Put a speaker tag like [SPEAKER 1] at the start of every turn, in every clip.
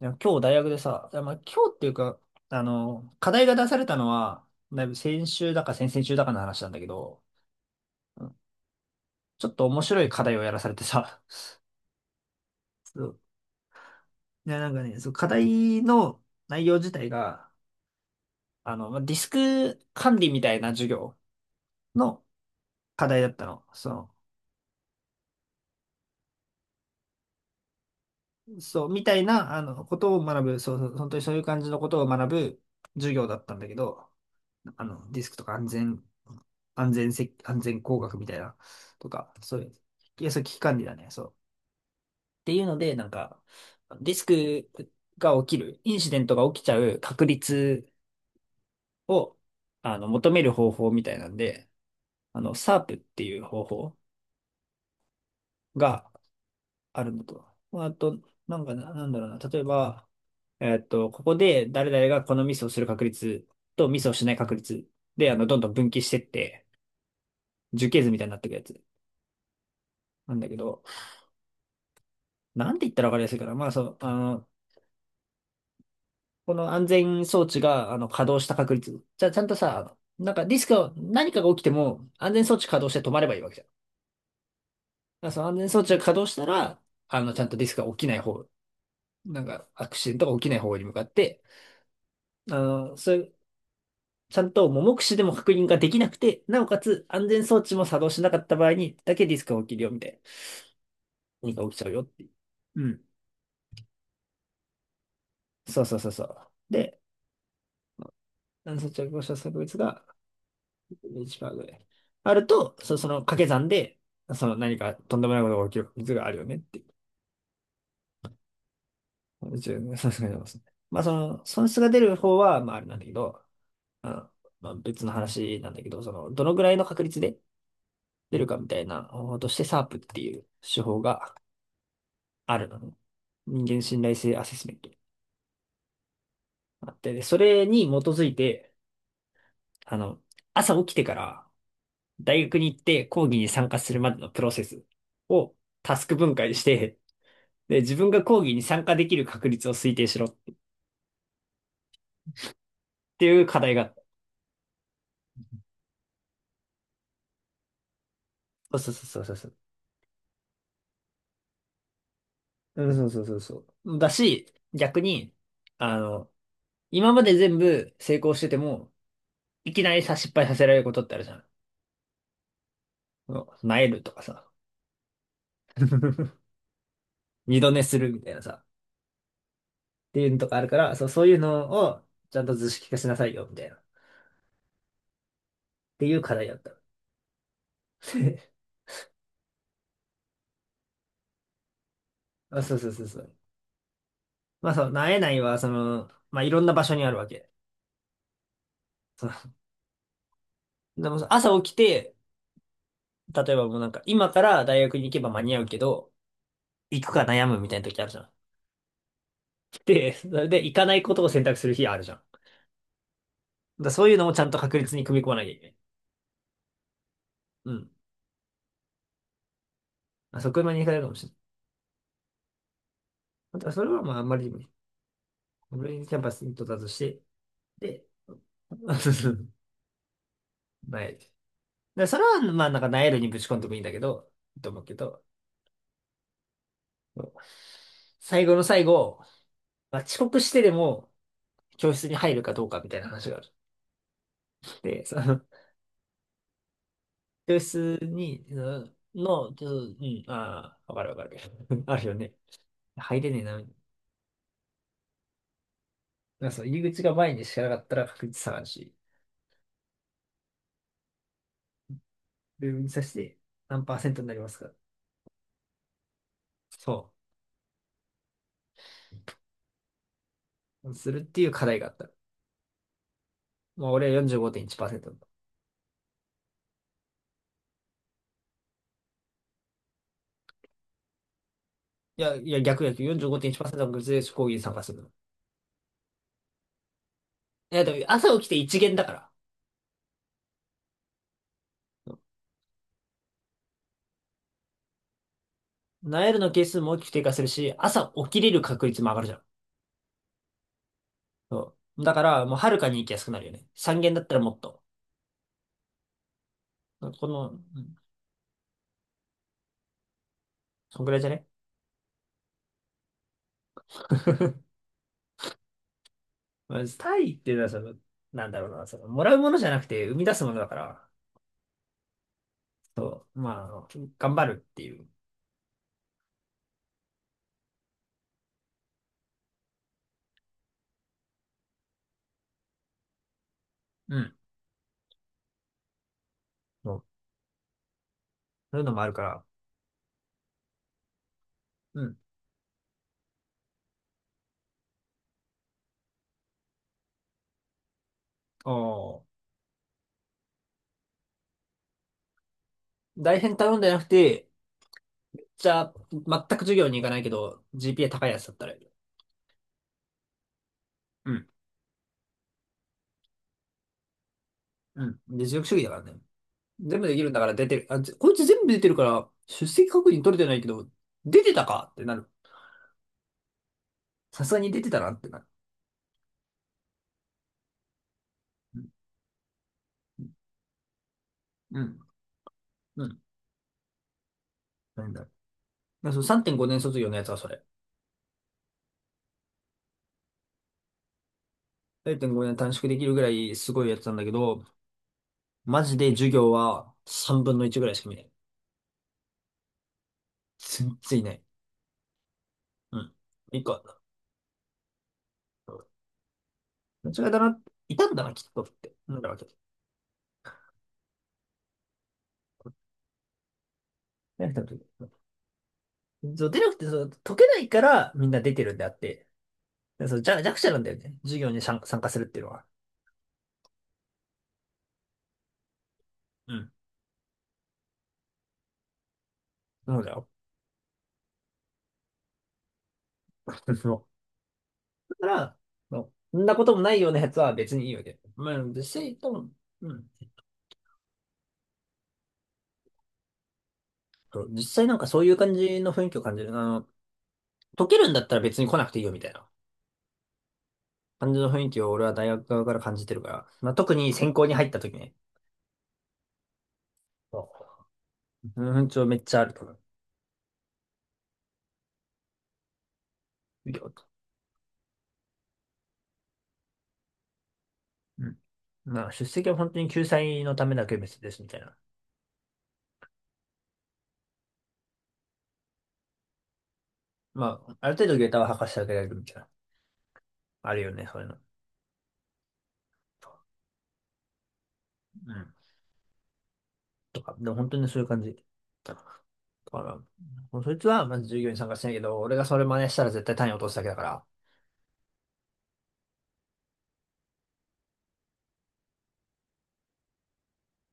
[SPEAKER 1] いや今日大学でさ、いやまあ、今日っていうか、課題が出されたのは、だいぶ先週だか先々週だかの話なんだけど、うん、ちょっと面白い課題をやらされてさ、そういや、なんかね、そう、課題の内容自体が、まあディスク管理みたいな授業の課題だったの。そう、そう、みたいな、ことを学ぶ、そう、そう本当にそういう感じのことを学ぶ授業だったんだけど、ディスクとか安全工学みたいな、とか、そういう、いや、そう危機管理だね、そう。っていうので、なんか、ディスクが起きる、インシデントが起きちゃう確率を、求める方法みたいなんで、サ a っていう方法があるのと。まあと、なんかな、なんだろうな、例えば、ここで誰々がこのミスをする確率とミスをしない確率で、どんどん分岐してって、樹形図みたいになっていくやつなんだけど、なんて言ったらわかりやすいかな。まあ、そう、この安全装置が、稼働した確率。じゃあ、ちゃんとさ、なんかディスクを、何かが起きても、安全装置稼働して止まればいいわけじゃん。だからその安全装置が稼働したら、ちゃんとディスクが起きない方、なんか、アクシデントが起きない方に向かって、あの、そういう、ちゃんと目視でも確認ができなくて、なおかつ安全装置も作動しなかった場合にだけディスクが起きるよ、みたいな。何か起きちゃうよっていう。うん。そうそうそうそう。で、安全装置が稼働した確率が、ベンチマークで。あると、その掛け算で、その何かとんでもないことが起きる率があるよねっていう。一応さすがにますね。まあその、損失が出る方は、まああれなんだけど、あの、まあ別の話なんだけど、その、どのぐらいの確率で出るかみたいな方法として、サープっていう手法があるのね。人間信頼性アセスメント。あって、でそれに基づいて、あの、朝起きてから大学に行って講義に参加するまでのプロセスをタスク分解して、で、自分が講義に参加できる確率を推定しろっていう課題があった。そうそうそうそうそう。うん、そうそうそうそう。だし、逆に、あの、今まで全部成功してても、いきなりさ、失敗させられることってあるじゃん。なえるとかさ、二度寝するみたいなさ、っていうのとかあるから、そう、そういうのをちゃんと図式化しなさいよ、みたいな。っていう課題だった。あ、そうそうそうそう。まあそう、なえないは、その、まあいろんな場所にあるわけ。そのでも朝起きて、例えばもうなんか、今から大学に行けば間に合うけど、行くか悩むみたいな時あるじゃん。で、それで行かないことを選択する日あるじゃん。だからそういうのもちゃんと確率に組み込まなきゃいけない。うん。まあ、そこまでいかないかもしれない。だからそれはまああんまりにもね、ブレインにキャンパスに到達して、で、なえる。だからそれはまあなんかなえるにぶち込んでもいいんだけど、いいと思うけど、そう最後の最後、まあ、遅刻してでも教室に入るかどうかみたいな話がある。で、そのベースに、うんの、ちょっと、うん、ああ、わかるわかる。あるよね。入れねえな。なんかそう入り口が前にしかなかったら確率下がるし、ルームにさして何パーセントになりますか、そう。するっていう課題があった。まあ俺は45.1%だ。いや、いや、逆逆、45.1%の確率で講義に参加するの。いや、でも朝起きて一限だから。そうナイルの係数も大きく低下するし、朝起きれる確率も上がるじゃん。そう。だから、もうはるかに行きやすくなるよね。3限だったらもっと。この、うん、そんぐらいじゃね。 まあ、タイっていうのはその、なんだろうな、その、もらうものじゃなくて生み出すものだから、そう、まあ、頑張るっていう、うん、そうそういうのもあるから、うん。おー、大変頼んでなくて、じゃあ、全く授業に行かないけど、GPA 高いやつだったらいいよ、うん、うん。で、実力主義だからね。全部できるんだから出てる。あ、こいつ全部出てるから、出席確認取れてないけど、出てたかってなる。さすがに出てたなってなる。うん、うん。うん、なんだう。だからその3.5年卒業のやつはそれ。0.5年短縮できるぐらいすごいやつなんだけど、マジで授業は3分の1ぐらいしか見ない。全然いない。うん。一個あった。うん、間違いだな。いたんだな、きっとって。なんだわけ。出なくてもそう、出なくて、そう、解けないからみんな出てるんであって、でそう、弱者なんだよね。授業に参加するっていうのは。うん。そうだよ。そう。だから、そうそんなこともないようなやつは別にいいわけ。まあ、実際、多分、うん。そう実際なんかそういう感じの雰囲気を感じる。解けるんだったら別に来なくていいよみたいな感じの雰囲気を俺は大学側から感じてるから、まあ、特に専攻に入った時ね、そうその雰囲気はめっちゃあると思う。授業と。うん。まあ、出席は本当に救済のためだけ別ですみたいな。まあ、ある程度ゲータは履かしてあげられるみたいな。あるよね、そういうの。うん。とか、でも本当にそういう感じ。だから、もうそいつはまず授業に参加しないけど、俺がそれ真似したら絶対単位落とすだけだから。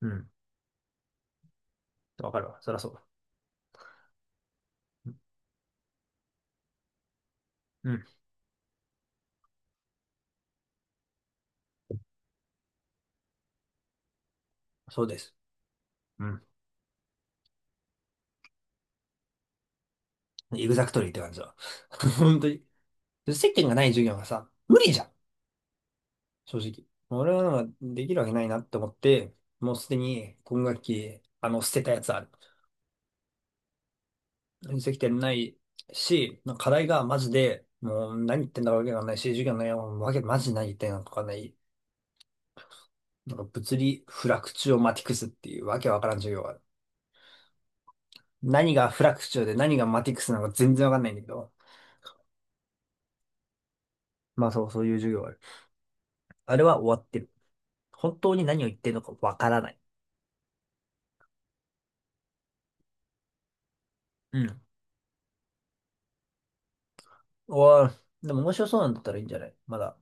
[SPEAKER 1] うん。わかるわ。そりゃそう。うん。そうです。うん。エグザクトリーって感じだ。本当に。で接点がない授業がさ、無理じゃん、正直。俺はなんかできるわけないなって思って、もうすでに今学期、捨てたやつある。接点ないし、なんか課題がマジで、もう何言ってんだかわけがないし、授業の内容もマジ何言ってんのかわかんない。なんか物理フラクチュオマティクスっていうわけわからん授業がある。何がフラクチュオで何がマティクスなのか全然わかんないんだけど。まあそう、そういう授業がある。あれは終わってる。本当に何を言ってるのかわからない。うん。おー、でも面白そうなんだったらいいんじゃないまだ。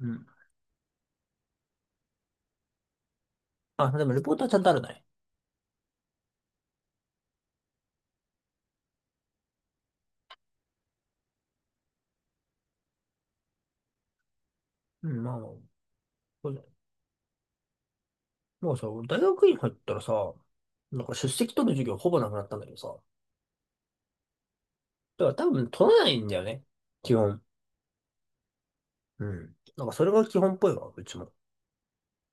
[SPEAKER 1] うん。あ、でもレポートはちゃんとあるね。うん、まあ、そうだね、もうさ、大学院入ったらさ、なんか出席取る授業ほぼなくなったんだけどさ。だから多分取らないんだよね。基本。うん。なんかそれが基本っぽいわ、うちも。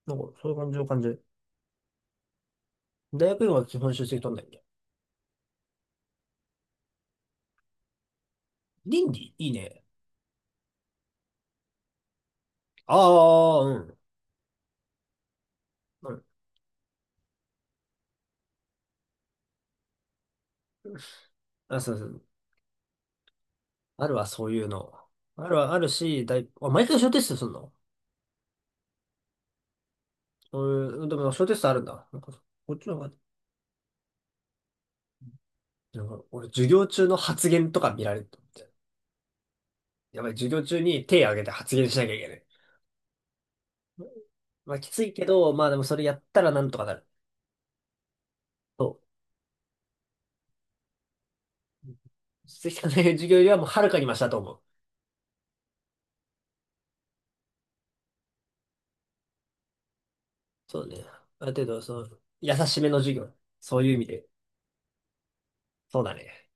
[SPEAKER 1] なんかそういう感じの感じ。大学院は基本出席取んないんだよ。倫理いいね。ああ、うん。うん。あ、そうそう。あるわ、そういうの。あるわ、あるし、だい、あ、毎回小テストすんの、そういう、でも小テストあるんだ。なんか、こっちの方が、なんか俺授業中の発言とか見られると。やばい、授業中に手挙げて発言しなきゃいけない。まあ、きついけど、まあでもそれやったらなんとかなる。そう。実績の授業よりはもうはるかにマシだと思う。そうね。ある程度、その、優しめの授業。そういう意味で。そうだね。